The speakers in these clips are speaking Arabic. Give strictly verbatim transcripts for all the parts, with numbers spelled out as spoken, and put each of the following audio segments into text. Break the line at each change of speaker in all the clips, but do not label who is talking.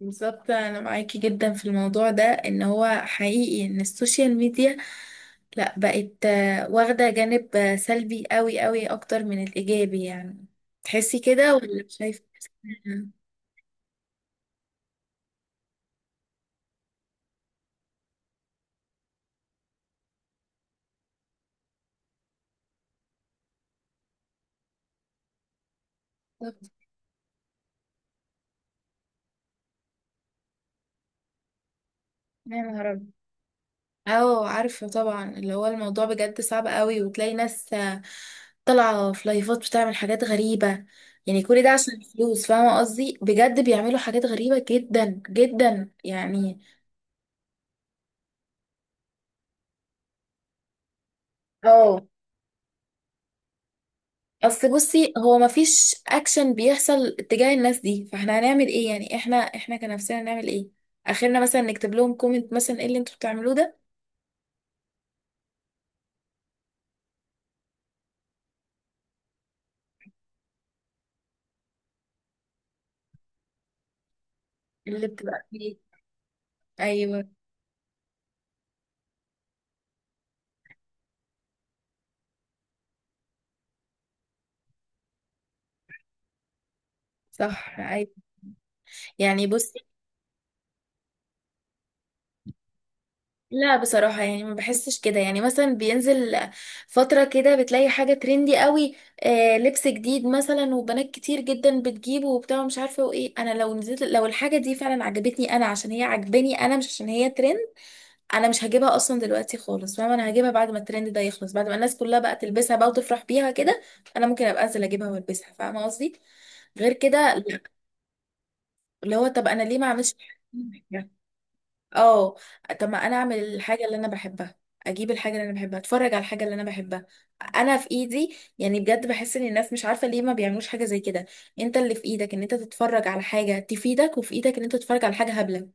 بالظبط انا معاكي جدا في الموضوع ده ان هو حقيقي ان السوشيال ميديا لا بقت آه، واخده جانب آه، سلبي قوي قوي اكتر من الايجابي يعني، تحسي كده ولا شايفه؟ بالظبط. يا نهار أبيض. اه عارفه طبعا اللي هو الموضوع بجد صعب قوي، وتلاقي ناس آه، طالعه في لايفات بتعمل حاجات غريبه. يعني كل ده عشان فلوس، فاهمه قصدي؟ بجد بيعملوا حاجات غريبه جدا جدا يعني. اه. اصل بصي هو مفيش اكشن بيحصل تجاه الناس دي، فاحنا هنعمل ايه يعني؟ احنا احنا كنفسنا هنعمل ايه؟ اخرنا مثلا نكتب لهم كومنت مثلا، ايه اللي انتوا بتعملوه ده. اللي بتبقى فيه. ايوه. صح. ايوه. يعني بصي، لا بصراحة يعني ما بحسش كده. يعني مثلا بينزل فترة كده بتلاقي حاجة ترندي قوي، آه لبس جديد مثلا، وبنات كتير جدا بتجيبه وبتاع، مش عارفة وايه. انا لو نزلت، لو الحاجة دي فعلا عجبتني، انا عشان هي عجباني انا، مش عشان هي ترند. انا مش هجيبها اصلا دلوقتي خالص، فاهمه؟ انا هجيبها بعد ما الترند ده يخلص، بعد ما الناس كلها بقى تلبسها بقى وتفرح بيها كده، انا ممكن ابقى انزل اجيبها والبسها، فاهمه قصدي؟ غير كده لأ. اللي هو طب انا ليه ما اعملش حاجة؟ اه. طب ما انا اعمل الحاجه اللي انا بحبها، اجيب الحاجه اللي انا بحبها، اتفرج على الحاجه اللي انا بحبها. انا في ايدي يعني. بجد بحس ان الناس مش عارفه ليه ما بيعملوش حاجه زي كده. انت اللي في ايدك ان انت تتفرج على حاجه تفيدك، وفي ايدك ان انت تتفرج على حاجه هبله.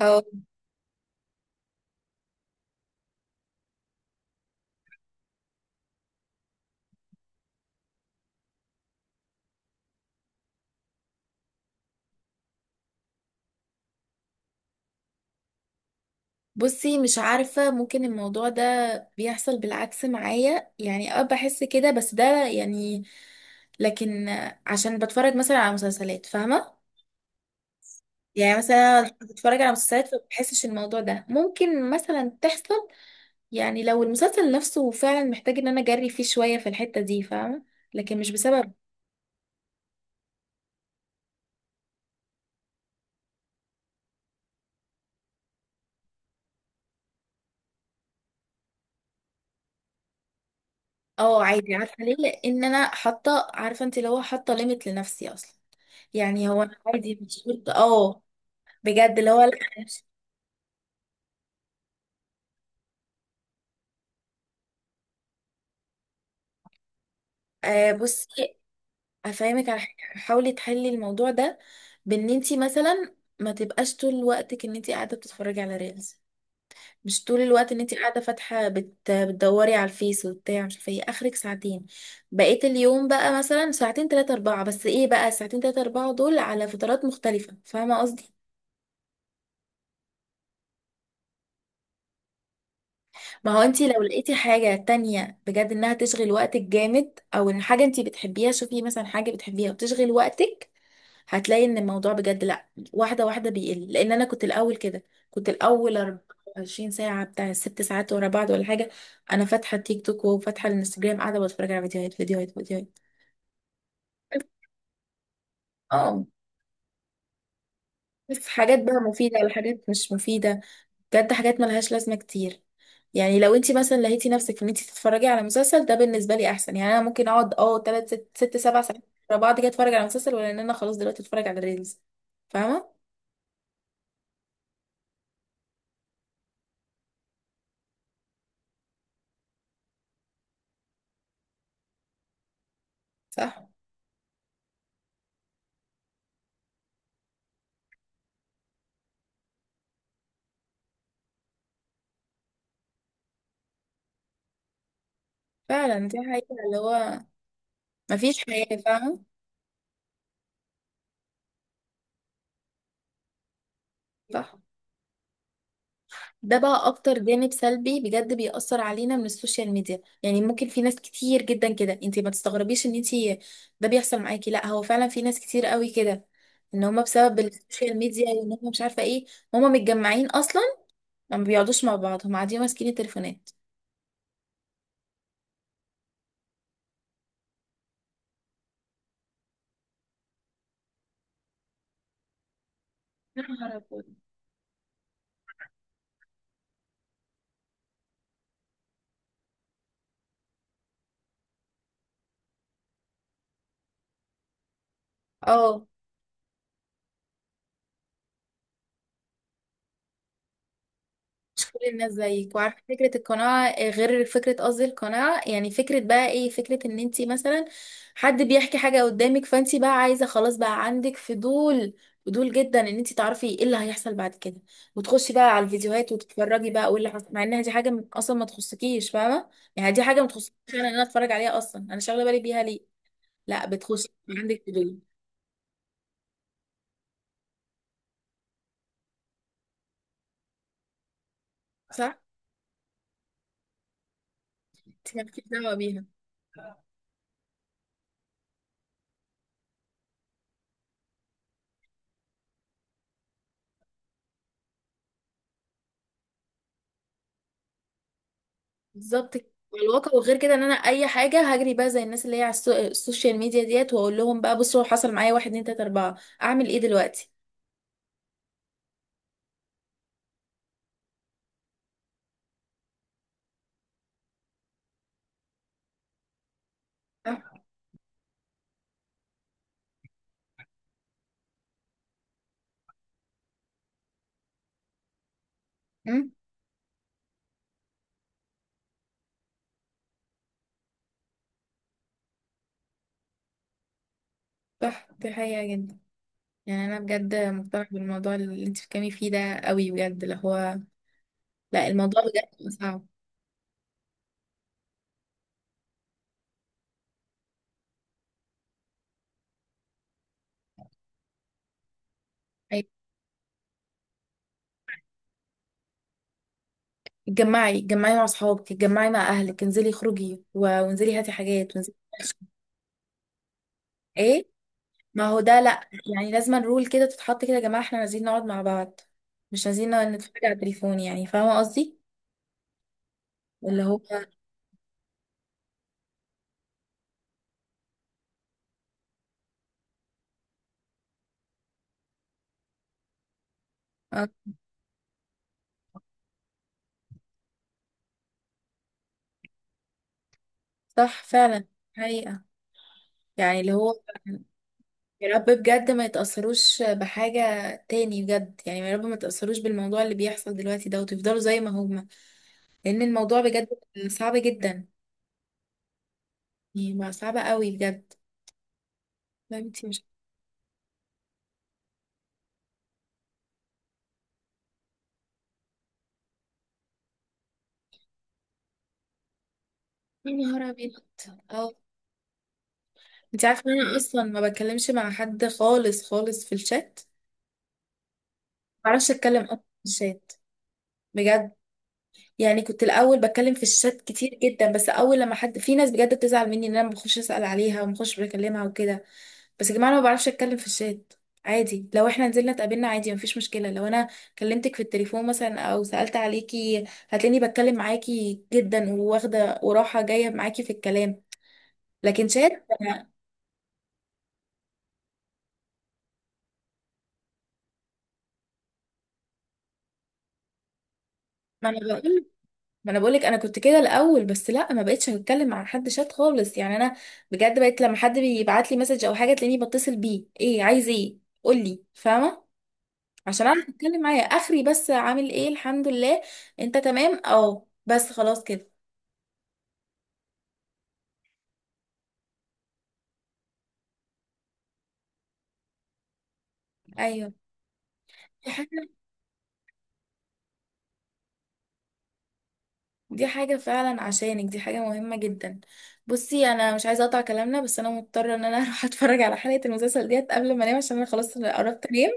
اه. بصي مش عارفة، ممكن الموضوع ده بيحصل بالعكس معايا. يعني اه بحس كده بس ده يعني، لكن عشان بتفرج مثلا على مسلسلات، فاهمة؟ يعني مثلا بتفرج على مسلسلات فبحسش الموضوع ده ممكن مثلا تحصل. يعني لو المسلسل نفسه فعلا محتاج ان انا اجري فيه شوية في الحتة دي، فاهمة؟ لكن مش بسبب. اه عادي، عارفة ليه؟ لان انا حاطة، عارفة انت، اللي هو حاطة ليميت لنفسي اصلا. يعني هو انا عادي مش شرط. اه. بجد اللي هو لا. آه بصي، افهمك على حاجه، حاولي تحلي الموضوع ده بان انت مثلا ما تبقاش طول وقتك ان انت قاعده بتتفرجي على ريلز. مش طول الوقت ان انت قاعده فاتحه، بت... بتدوري على الفيس وبتاع مش عارفه ايه، اخرك ساعتين. بقيت اليوم بقى مثلا ساعتين تلاتة اربعة، بس ايه بقى، ساعتين تلاتة اربعة دول على فترات مختلفه، فاهمه قصدي؟ ما هو انت لو لقيتي حاجه تانية بجد انها تشغل وقتك جامد، او ان حاجه انت بتحبيها، شوفي مثلا حاجه بتحبيها وتشغل وقتك، هتلاقي ان الموضوع بجد لا، واحده واحده بيقل. لان انا كنت الاول كده، كنت الاول أربعة وعشرين ساعه بتاع ست ساعات ورا بعض ولا حاجه، انا فاتحه تيك توك وفاتحه الانستجرام قاعده بتفرج على فيديوهات فيديوهات فيديوهات. اه. بس حاجات بقى مفيده ولا حاجات مش مفيده؟ بجد حاجات ملهاش لازمه كتير. يعني لو انت مثلا لقيتي نفسك في ان انت تتفرجي على مسلسل، ده بالنسبه لي احسن. يعني انا ممكن اقعد اه تلات ست ست سبع ساعات ورا بعض كده اتفرج على مسلسل، ولا ان انا خلاص دلوقتي اتفرج على ريلز، فاهمه؟ صح فعلا. دي حقيقة، اللي هو مفيش حياة، فاهمة؟ صح. ده بقى اكتر جانب سلبي بجد بيأثر علينا من السوشيال ميديا. يعني ممكن في ناس كتير جدا كده، انتي ما تستغربيش ان انتي ده بيحصل معاكي، لا هو فعلا في ناس كتير قوي كده ان هما بسبب السوشيال ميديا وان هما مش عارفة ايه، هما متجمعين اصلا ما بيقعدوش مع بعض، هما قاعدين ماسكين التليفونات. يا نهار أبيض. اه. مش كل الناس زيك. وعارفه فكره القناعه آه، غير فكره، قصدي القناعه يعني، فكره بقى ايه، فكره ان انت مثلا حد بيحكي حاجه قدامك فانت بقى عايزه خلاص، بقى عندك فضول، فضول جدا ان انت تعرفي ايه اللي هيحصل بعد كده، وتخشي بقى على الفيديوهات وتتفرجي بقى وايه اللي حصل، مع انها دي حاجه م- اصلا ما تخصكيش، فاهمه؟ يعني دي حاجه ما تخصكيش، انا ان انا اتفرج عليها اصلا، انا شاغله بالي بيها ليه؟ لا بتخشي عندك فضول. صح. انت مالكيش دعوه بيها. بالظبط كده. على الواقع. وغير كده ان انا اي حاجه هجري بقى زي الناس اللي هي على السو- السوشيال ميديا ديت، واقول لهم بقى بصوا حصل معايا واحد اتنين تلاته اربعه، اعمل ايه دلوقتي؟ صح. أم؟ صح. دي حقيقه جدا. يعني انا بجد مقتنعه بالموضوع اللي انت بتتكلمي فيه ده قوي. بجد اللي هو لا، الموضوع بجد صعب. أيوة. اتجمعي، اتجمعي مع اصحابك، اتجمعي مع اهلك، انزلي خروجي، و- وانزلي هاتي حاجات، وانزلي. ايه. ما هو ده لا، يعني لازم رول كده تتحط كده، يا جماعه احنا نازلين نقعد مع بعض، مش عايزين نقعد نتفرج على التليفون، يعني فاهمه قصدي؟ اللي هو آه، صح فعلا. حقيقة. يعني اللي هو، يا رب بجد ما يتأثروش بحاجة تاني، بجد يعني يا رب ما يتأثروش بالموضوع اللي بيحصل دلوقتي ده، وتفضلوا زي ما هما. لأن الموضوع بجد صعب جدا، يعني بقى صعب قوي بجد. لا انتي مش. يا نهار أبيض. اه. انتي عارفة إن أنا أصلا ما بتكلمش مع حد خالص خالص في الشات، ما بعرفش أتكلم أصلا في الشات بجد. يعني كنت الاول بتكلم في الشات كتير جدا، بس اول لما حد، في ناس بجد بتزعل مني ان انا ما بخش اسال عليها ومخش بكلمها وكده، بس يا جماعه انا ما بعرفش اتكلم في الشات. عادي لو احنا نزلنا اتقابلنا عادي مفيش مشكله، لو انا كلمتك في التليفون مثلا او سالت عليكي هتلاقيني بتكلم معاكي جدا وواخده وراحه جايه معاكي في الكلام، لكن شات. ما انا بقول ما انا بقولك انا كنت كده الاول، بس لا ما بقتش هتكلم مع حد شات خالص، يعني انا بجد بقيت لما حد بيبعت لي مسج او حاجه تلاقيني بتصل بيه، ايه عايز ايه قولي، فاهمه؟ عشان اعرف اتكلم معاه. اخري بس، عامل ايه الحمد لله، انت تمام؟ اه بس خلاص كده. ايوه دي حاجه دي حاجه فعلا عشانك، دي حاجه مهمه جدا. بصي انا مش عايزه اقطع كلامنا، بس انا مضطره ان انا اروح اتفرج على حلقه المسلسل ديت قبل ما انام، عشان انا خلاص قربت انام،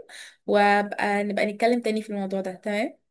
وابقى نبقى نتكلم تاني في الموضوع ده، تمام؟